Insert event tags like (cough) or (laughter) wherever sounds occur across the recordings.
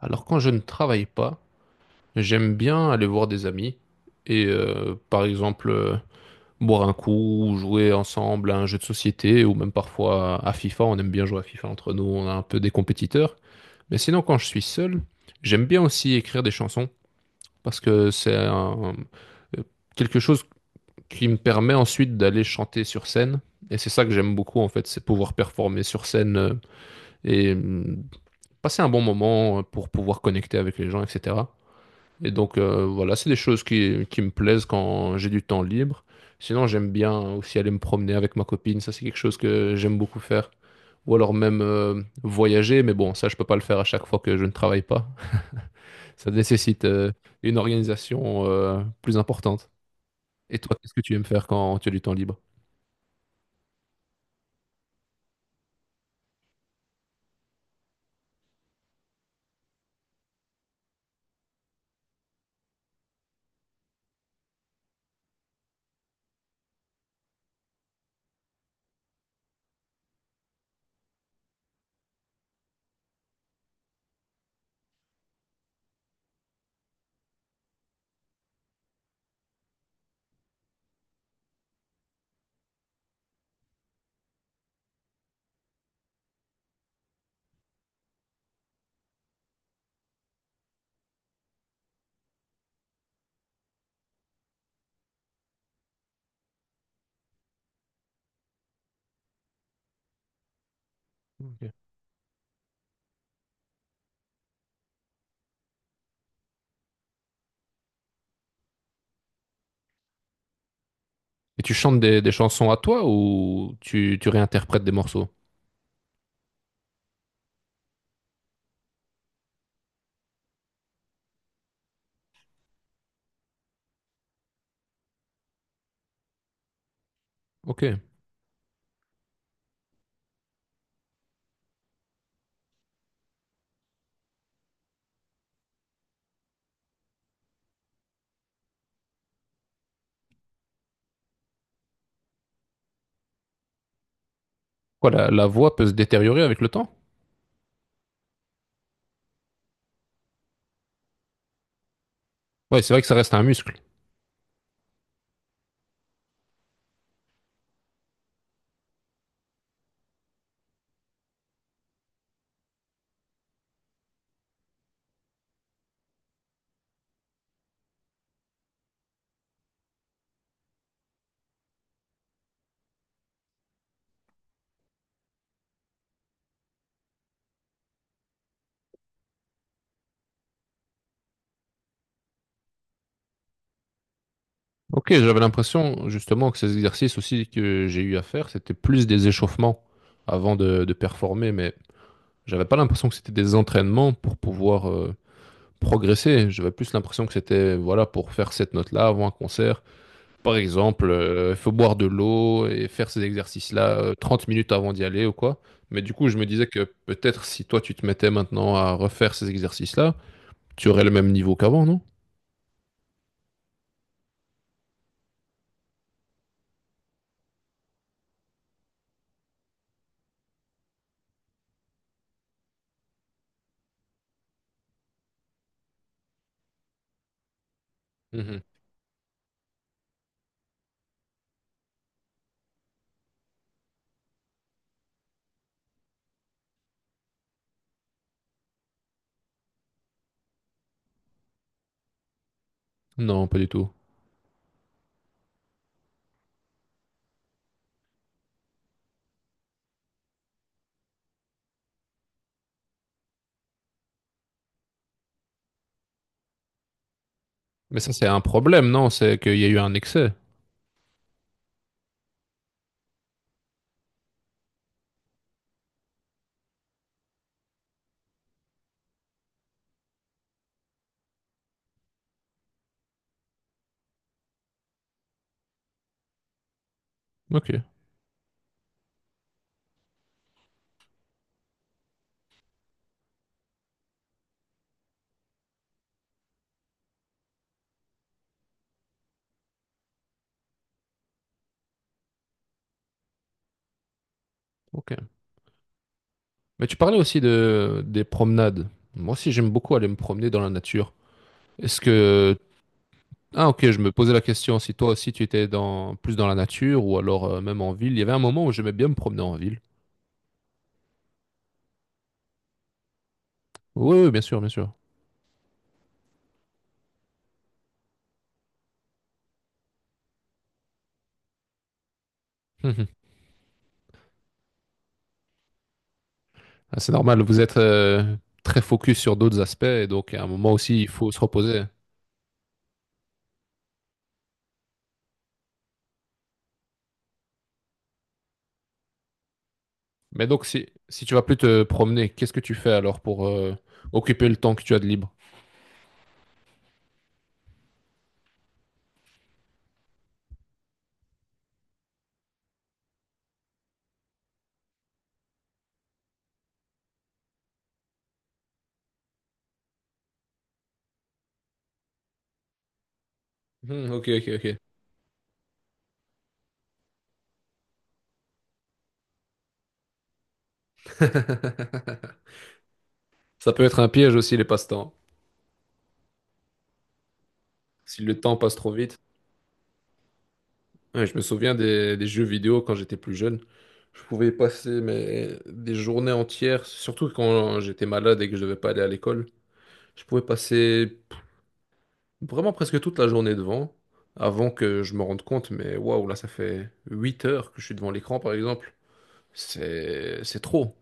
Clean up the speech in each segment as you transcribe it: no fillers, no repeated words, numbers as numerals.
Alors quand je ne travaille pas, j'aime bien aller voir des amis et par exemple, boire un coup, ou jouer ensemble à un jeu de société ou même parfois à FIFA. On aime bien jouer à FIFA entre nous, on a un peu des compétiteurs. Mais sinon quand je suis seul, j'aime bien aussi écrire des chansons parce que euh, quelque chose qui me permet ensuite d'aller chanter sur scène. Et c'est ça que j'aime beaucoup en fait, c'est pouvoir performer sur scène, et passer un bon moment, pour pouvoir connecter avec les gens, etc. Et donc, voilà, c'est des choses qui me plaisent quand j'ai du temps libre. Sinon, j'aime bien aussi aller me promener avec ma copine, ça c'est quelque chose que j'aime beaucoup faire. Ou alors même, voyager, mais bon, ça je peux pas le faire à chaque fois que je ne travaille pas. (laughs) Ça nécessite une organisation plus importante. Et toi, qu'est-ce que tu aimes faire quand tu as du temps libre? Ok. Et tu chantes des chansons à toi ou tu réinterprètes des morceaux? Ok. Quoi, la voix peut se détériorer avec le temps? Ouais, c'est vrai que ça reste un muscle. Ok, j'avais l'impression justement que ces exercices aussi que j'ai eu à faire, c'était plus des échauffements avant de performer, mais j'avais pas l'impression que c'était des entraînements pour pouvoir progresser. J'avais plus l'impression que c'était voilà pour faire cette note-là avant un concert. Par exemple, il faut boire de l'eau et faire ces exercices-là, 30 minutes avant d'y aller ou quoi. Mais du coup, je me disais que peut-être si toi tu te mettais maintenant à refaire ces exercices-là, tu aurais le même niveau qu'avant, non? Mhm. Non, pas du tout. Mais ça, c'est un problème, non? C'est qu'il y a eu un excès. Ok, ok. Mais tu parlais aussi des promenades. Moi aussi, j'aime beaucoup aller me promener dans la nature. Est-ce que... Ah, ok, je me posais la question si toi aussi tu étais dans, plus dans la nature ou alors, même en ville. Il y avait un moment où j'aimais bien me promener en ville. Oui, oui, bien sûr, bien sûr. Hum, hum. Ah, c'est normal, vous êtes, très focus sur d'autres aspects, et donc à un moment aussi, il faut se reposer. Mais donc, si tu vas plus te promener, qu'est-ce que tu fais alors pour occuper le temps que tu as de libre? Hmm, ok, ok, ok. (laughs) Ça peut être un piège aussi, les passe-temps. Si le temps passe trop vite. Ouais, je me souviens des jeux vidéo quand j'étais plus jeune. Je pouvais passer mais, des journées entières, surtout quand j'étais malade et que je devais pas aller à l'école. Je pouvais vraiment presque toute la journée devant, avant que je me rende compte. Mais waouh, là, ça fait 8 heures que je suis devant l'écran, par exemple. C'est trop.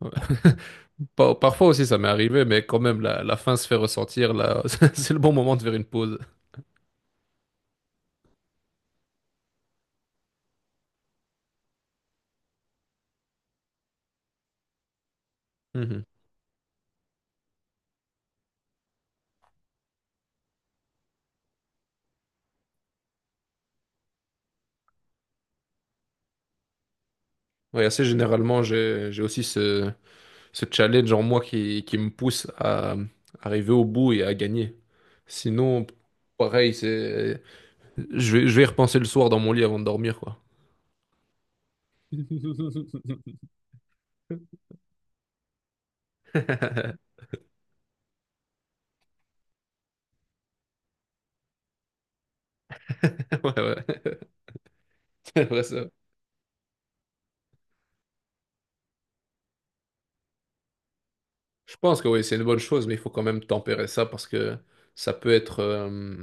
Ouais. Parfois aussi, ça m'est arrivé, mais quand même, la faim se fait ressentir. Là, (laughs) c'est le bon moment de faire une pause. Mhm. Oui, assez généralement, j'ai aussi ce challenge en moi qui me pousse à arriver au bout et à gagner. Sinon, pareil, c'est, je vais y repenser le soir dans mon lit avant de dormir, quoi. (laughs) Ouais, ouais. (laughs) C'est vrai, ça. Je pense que oui, c'est une bonne chose, mais il faut quand même tempérer ça parce que ça peut être, euh,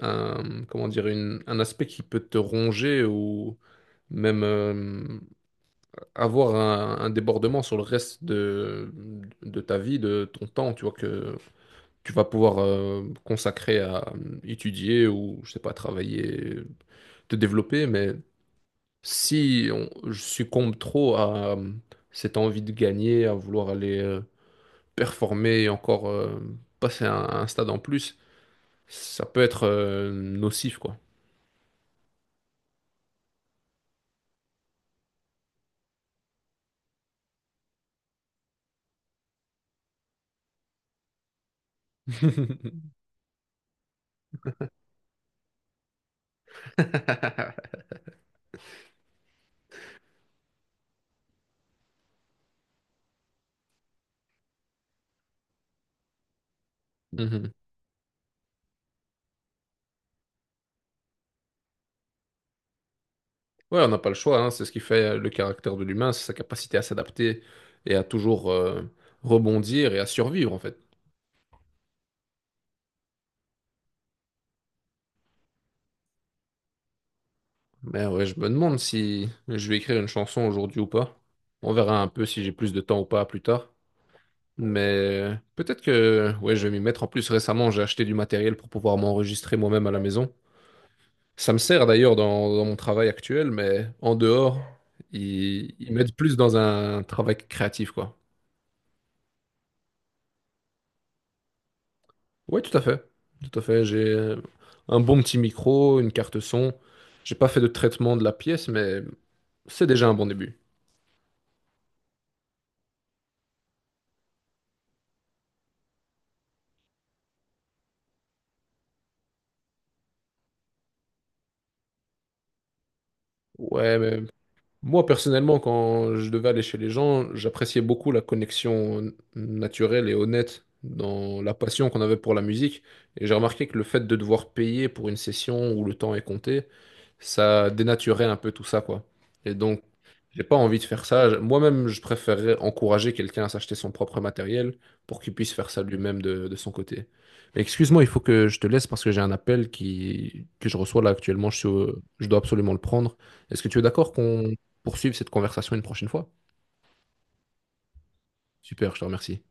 un, comment dire, un aspect qui peut te ronger ou même, avoir un débordement sur le reste de ta vie, de ton temps, tu vois, que tu vas pouvoir, consacrer à étudier ou, je sais pas, travailler, te développer. Mais si on- je succombe trop à, cette envie de gagner, à vouloir aller, performer et encore, passer un stade en plus, ça peut être, nocif, quoi. (laughs) Mhm. Ouais, on n'a pas le choix, hein. C'est ce qui fait le caractère de l'humain, c'est sa capacité à s'adapter et à toujours, rebondir et à survivre en fait. Mais ouais, je me demande si je vais écrire une chanson aujourd'hui ou pas. On verra un peu si j'ai plus de temps ou pas plus tard. Mais peut-être que ouais, je vais m'y mettre. En plus, récemment, j'ai acheté du matériel pour pouvoir m'enregistrer moi-même à la maison. Ça me sert d'ailleurs dans mon travail actuel, mais en dehors, ils m'aident plus dans un travail créatif, quoi. Oui, tout à fait. Tout à fait. J'ai un bon petit micro, une carte son. J'ai pas fait de traitement de la pièce, mais c'est déjà un bon début. Ouais, mais moi personnellement, quand je devais aller chez les gens, j'appréciais beaucoup la connexion naturelle et honnête dans la passion qu'on avait pour la musique. Et j'ai remarqué que le fait de devoir payer pour une session où le temps est compté, ça dénaturait un peu tout ça, quoi. Et donc, j'ai pas envie de faire ça. Moi-même, je préférerais encourager quelqu'un à s'acheter son propre matériel pour qu'il puisse faire ça lui-même de son côté. Mais excuse-moi, il faut que je te laisse parce que j'ai un appel que je reçois là actuellement. Je dois absolument le prendre. Est-ce que tu es d'accord qu'on poursuive cette conversation une prochaine fois? Super, je te remercie.